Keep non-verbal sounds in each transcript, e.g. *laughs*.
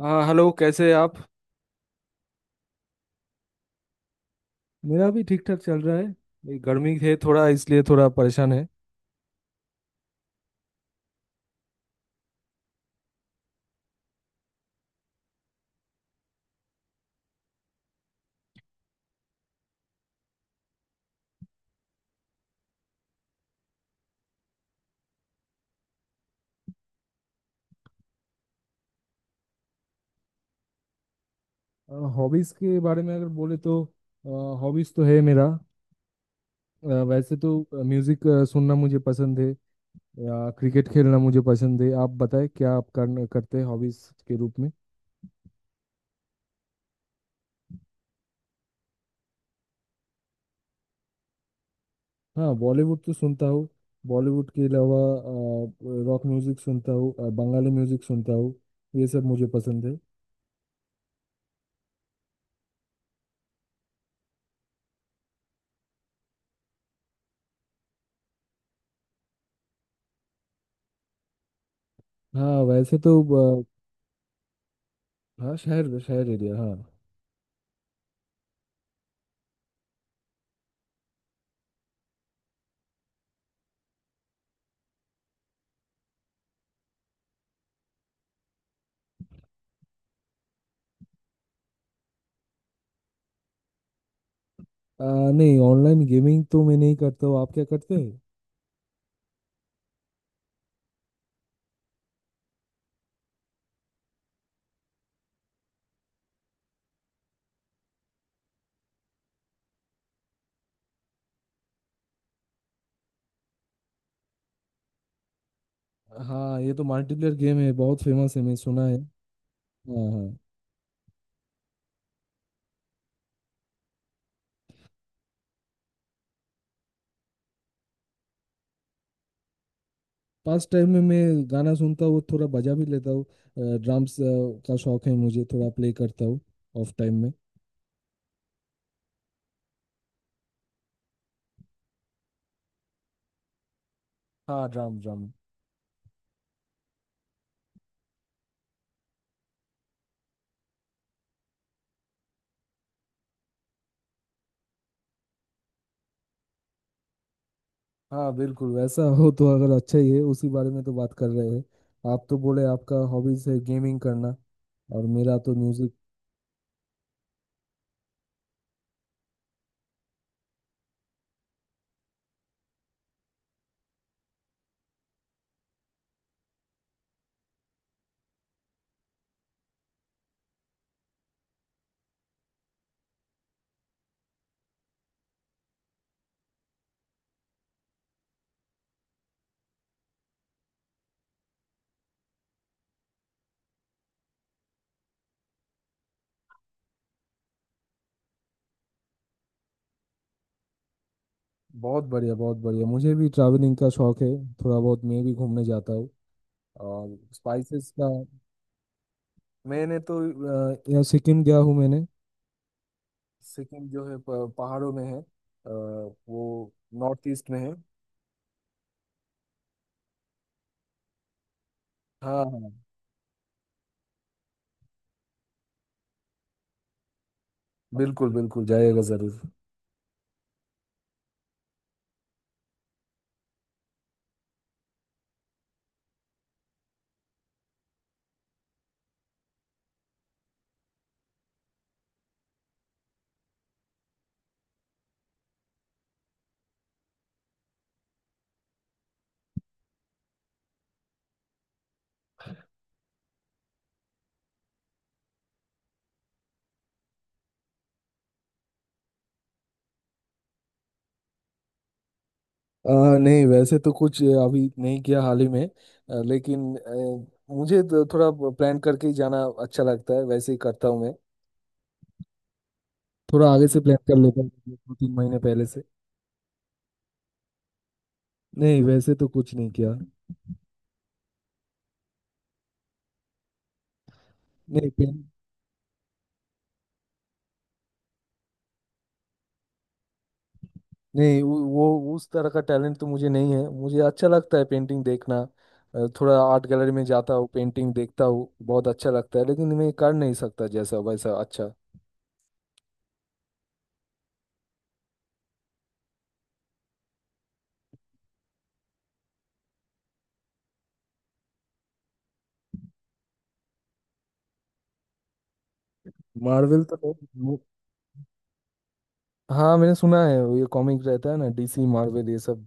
हाँ, हेलो, कैसे हैं आप? मेरा भी ठीक ठाक चल रहा है। ये गर्मी है थोड़ा, इसलिए थोड़ा परेशान है। हॉबीज़ के बारे में अगर बोले तो हॉबीज़ तो है मेरा वैसे तो म्यूज़िक सुनना मुझे पसंद है, या क्रिकेट खेलना मुझे पसंद है। आप बताएं, क्या आप करते हैं हॉबीज़ के रूप में? हाँ, बॉलीवुड तो सुनता हूँ। बॉलीवुड के अलावा रॉक म्यूज़िक सुनता हूँ, बंगाली म्यूज़िक सुनता हूँ। ये सब मुझे पसंद है। हाँ वैसे तो, अ, हाँ शहर शहर एरिया, हाँ। आ, नहीं, ऑनलाइन गेमिंग तो मैं नहीं करता हूँ। आप क्या करते हैं? हाँ, ये तो मल्टीप्लेयर गेम है, बहुत फेमस है, मैं सुना है। हाँ हाँ। पास टाइम में मैं गाना सुनता हूँ, थोड़ा बजा भी लेता हूँ। ड्रम्स का शौक है मुझे, थोड़ा प्ले करता हूँ ऑफ टाइम में। हाँ, ड्रम ड्रम। हाँ बिल्कुल, वैसा हो तो अगर अच्छा ही है, उसी बारे में तो बात कर रहे हैं। आप तो बोले आपका हॉबीज है गेमिंग करना, और मेरा तो म्यूजिक। बहुत बढ़िया, बहुत बढ़िया। मुझे भी ट्रैवलिंग का शौक है, थोड़ा बहुत मैं भी घूमने जाता हूँ। और स्पाइसेस का, मैंने तो यहाँ सिक्किम गया हूँ मैंने। सिक्किम जो है पहाड़ों में है। वो नॉर्थ ईस्ट में है। हाँ हाँ। बिल्कुल बिल्कुल, जाएगा जरूर। अ, नहीं वैसे तो कुछ अभी नहीं किया हाल ही में, लेकिन मुझे तो थोड़ा प्लान करके ही जाना अच्छा लगता है, वैसे ही करता हूँ मैं। थोड़ा आगे से प्लान कर लेता हूँ, दो तीन महीने पहले से। नहीं वैसे तो कुछ नहीं किया। नहीं, नहीं, उस तरह का टैलेंट तो मुझे नहीं है। मुझे अच्छा लगता है पेंटिंग देखना। थोड़ा आर्ट गैलरी में जाता हूँ, पेंटिंग देखता हूँ, बहुत अच्छा लगता है, लेकिन मैं कर नहीं सकता जैसा वैसा अच्छा। मार्वल तो नहीं। हाँ, मैंने सुना है, वो ये कॉमिक रहता है ना, डीसी मार्वल ये सब।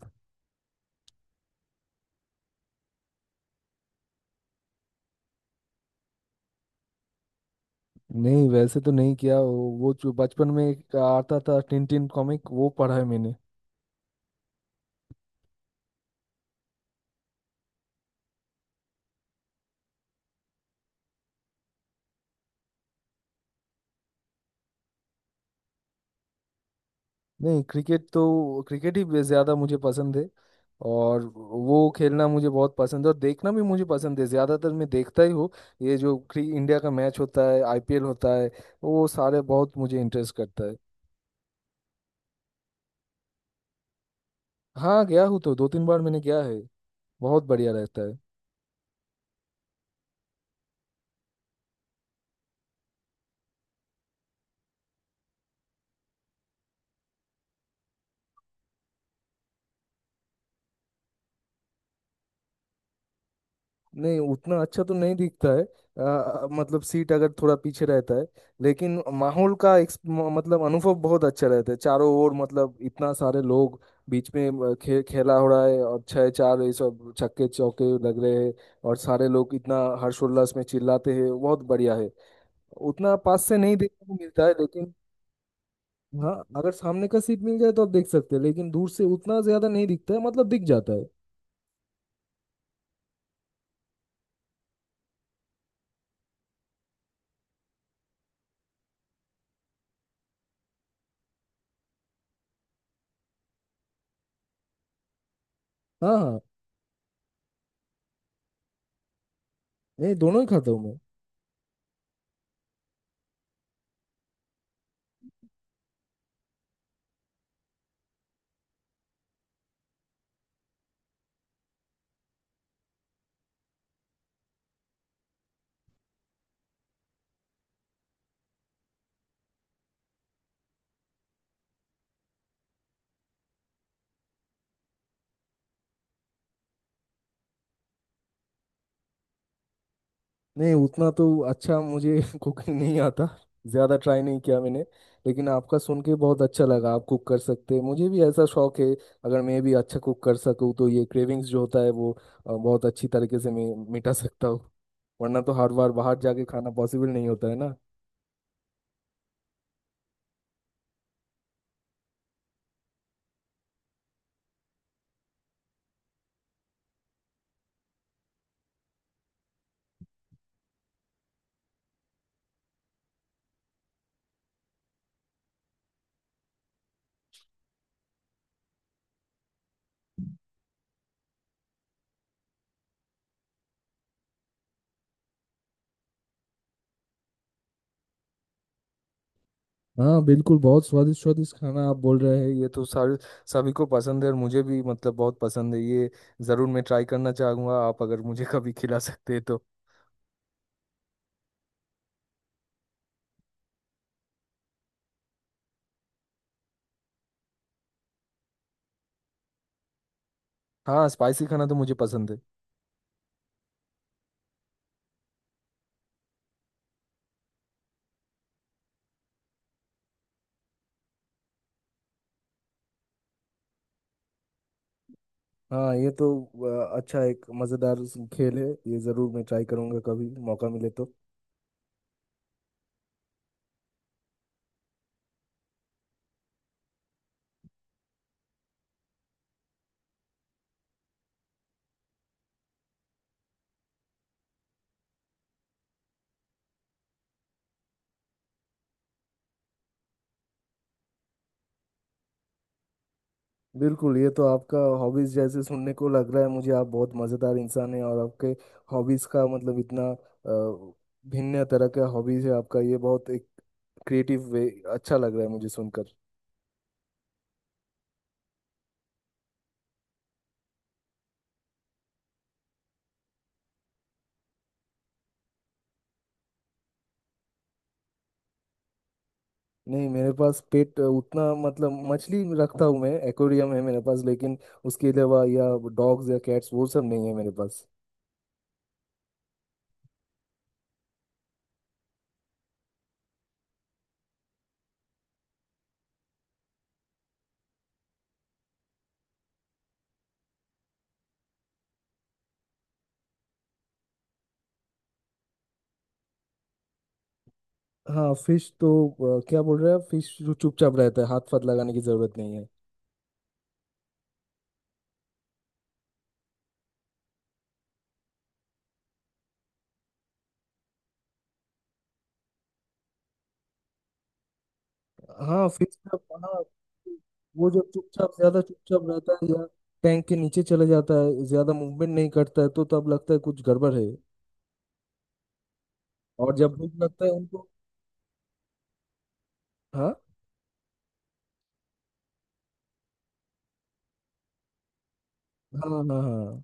नहीं वैसे तो नहीं किया। वो जो बचपन में एक आता था टिन टिन कॉमिक, वो पढ़ा है मैंने। नहीं, क्रिकेट तो क्रिकेट ही ज्यादा मुझे पसंद है। और वो खेलना मुझे बहुत पसंद है, और देखना भी मुझे पसंद है, ज्यादातर मैं देखता ही हूँ। ये जो इंडिया का मैच होता है, आईपीएल होता है, वो सारे बहुत मुझे इंटरेस्ट करता है। हाँ गया हूँ, तो दो तीन बार मैंने गया है। बहुत बढ़िया रहता है। नहीं, उतना अच्छा तो नहीं दिखता है। मतलब सीट अगर थोड़ा पीछे रहता है। लेकिन माहौल का मतलब अनुभव बहुत अच्छा रहता है। चारों ओर मतलब इतना सारे लोग, बीच में खेला हो रहा है, और छह चार ये सब छक्के चौके लग रहे हैं, और सारे लोग इतना हर्षोल्लास में चिल्लाते हैं, बहुत बढ़िया है। उतना पास से नहीं देखने को मिलता है लेकिन। हाँ, अगर सामने का सीट मिल जाए तो आप देख सकते हैं, लेकिन दूर से उतना ज्यादा नहीं दिखता है, मतलब दिख जाता है। हाँ हाँ। नहीं, दोनों ही खाता हूँ मैं। नहीं, उतना तो अच्छा मुझे *laughs* कुकिंग नहीं आता। ज़्यादा ट्राई नहीं किया मैंने। लेकिन आपका सुन के बहुत अच्छा लगा, आप कुक कर सकते हैं। मुझे भी ऐसा शौक है, अगर मैं भी अच्छा कुक कर सकूँ तो ये क्रेविंग्स जो होता है वो बहुत अच्छी तरीके से मैं मिटा सकता हूँ। वरना तो हर बार बाहर जाके खाना पॉसिबल नहीं होता है ना। हाँ बिल्कुल, बहुत स्वादिष्ट स्वादिष्ट खाना आप बोल रहे हैं, ये तो सारे सभी को पसंद है, और मुझे भी, मतलब बहुत पसंद है ये। ज़रूर मैं ट्राई करना चाहूँगा, आप अगर मुझे कभी खिला सकते हैं तो। हाँ, स्पाइसी खाना तो मुझे पसंद है। हाँ ये तो अच्छा एक मज़ेदार खेल है। ये ज़रूर मैं ट्राई करूँगा, कभी मौका मिले तो। बिल्कुल, ये तो आपका हॉबीज़ जैसे सुनने को लग रहा है मुझे, आप बहुत मज़ेदार इंसान हैं, और आपके हॉबीज़ का मतलब इतना भिन्न तरह का हॉबीज़ है आपका। ये बहुत एक क्रिएटिव वे, अच्छा लग रहा है मुझे सुनकर। नहीं, मेरे पास पेट उतना, मतलब मछली रखता हूँ मैं, एक्वेरियम है मेरे पास, लेकिन उसके अलावा या डॉग्स या कैट्स वो सब नहीं है मेरे पास। हाँ फिश तो क्या बोल रहे हैं, फिश जो चुपचाप रहता है, हाथ पाथ लगाने की जरूरत नहीं है। हाँ, फिश का। हाँ, वो जब चुपचाप, ज्यादा चुपचाप रहता है, या टैंक के नीचे चले जाता है, ज्यादा मूवमेंट नहीं करता है, तो तब लगता है कुछ गड़बड़ है। और जब भूख लगता है उनको, हाँ हाँ हाँ हाँ हाँ।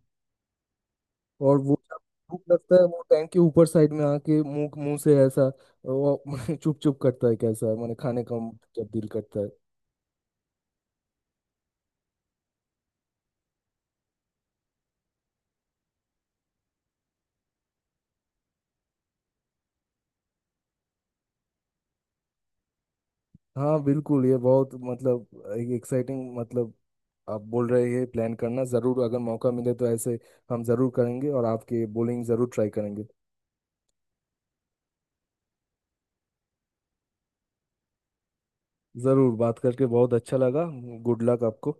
और वो जब भूख लगता है, वो टैंक के ऊपर साइड में आके, मुंह मुंह से ऐसा वो *laughs* चुप चुप करता है, कैसा माने खाने का, जब दिल करता है। हाँ बिल्कुल, ये बहुत मतलब एक्साइटिंग, मतलब आप बोल रहे हैं, प्लान करना ज़रूर, अगर मौका मिले तो ऐसे हम ज़रूर करेंगे, और आपके बॉलिंग ज़रूर ट्राई करेंगे। ज़रूर, बात करके बहुत अच्छा लगा। गुड लक आपको।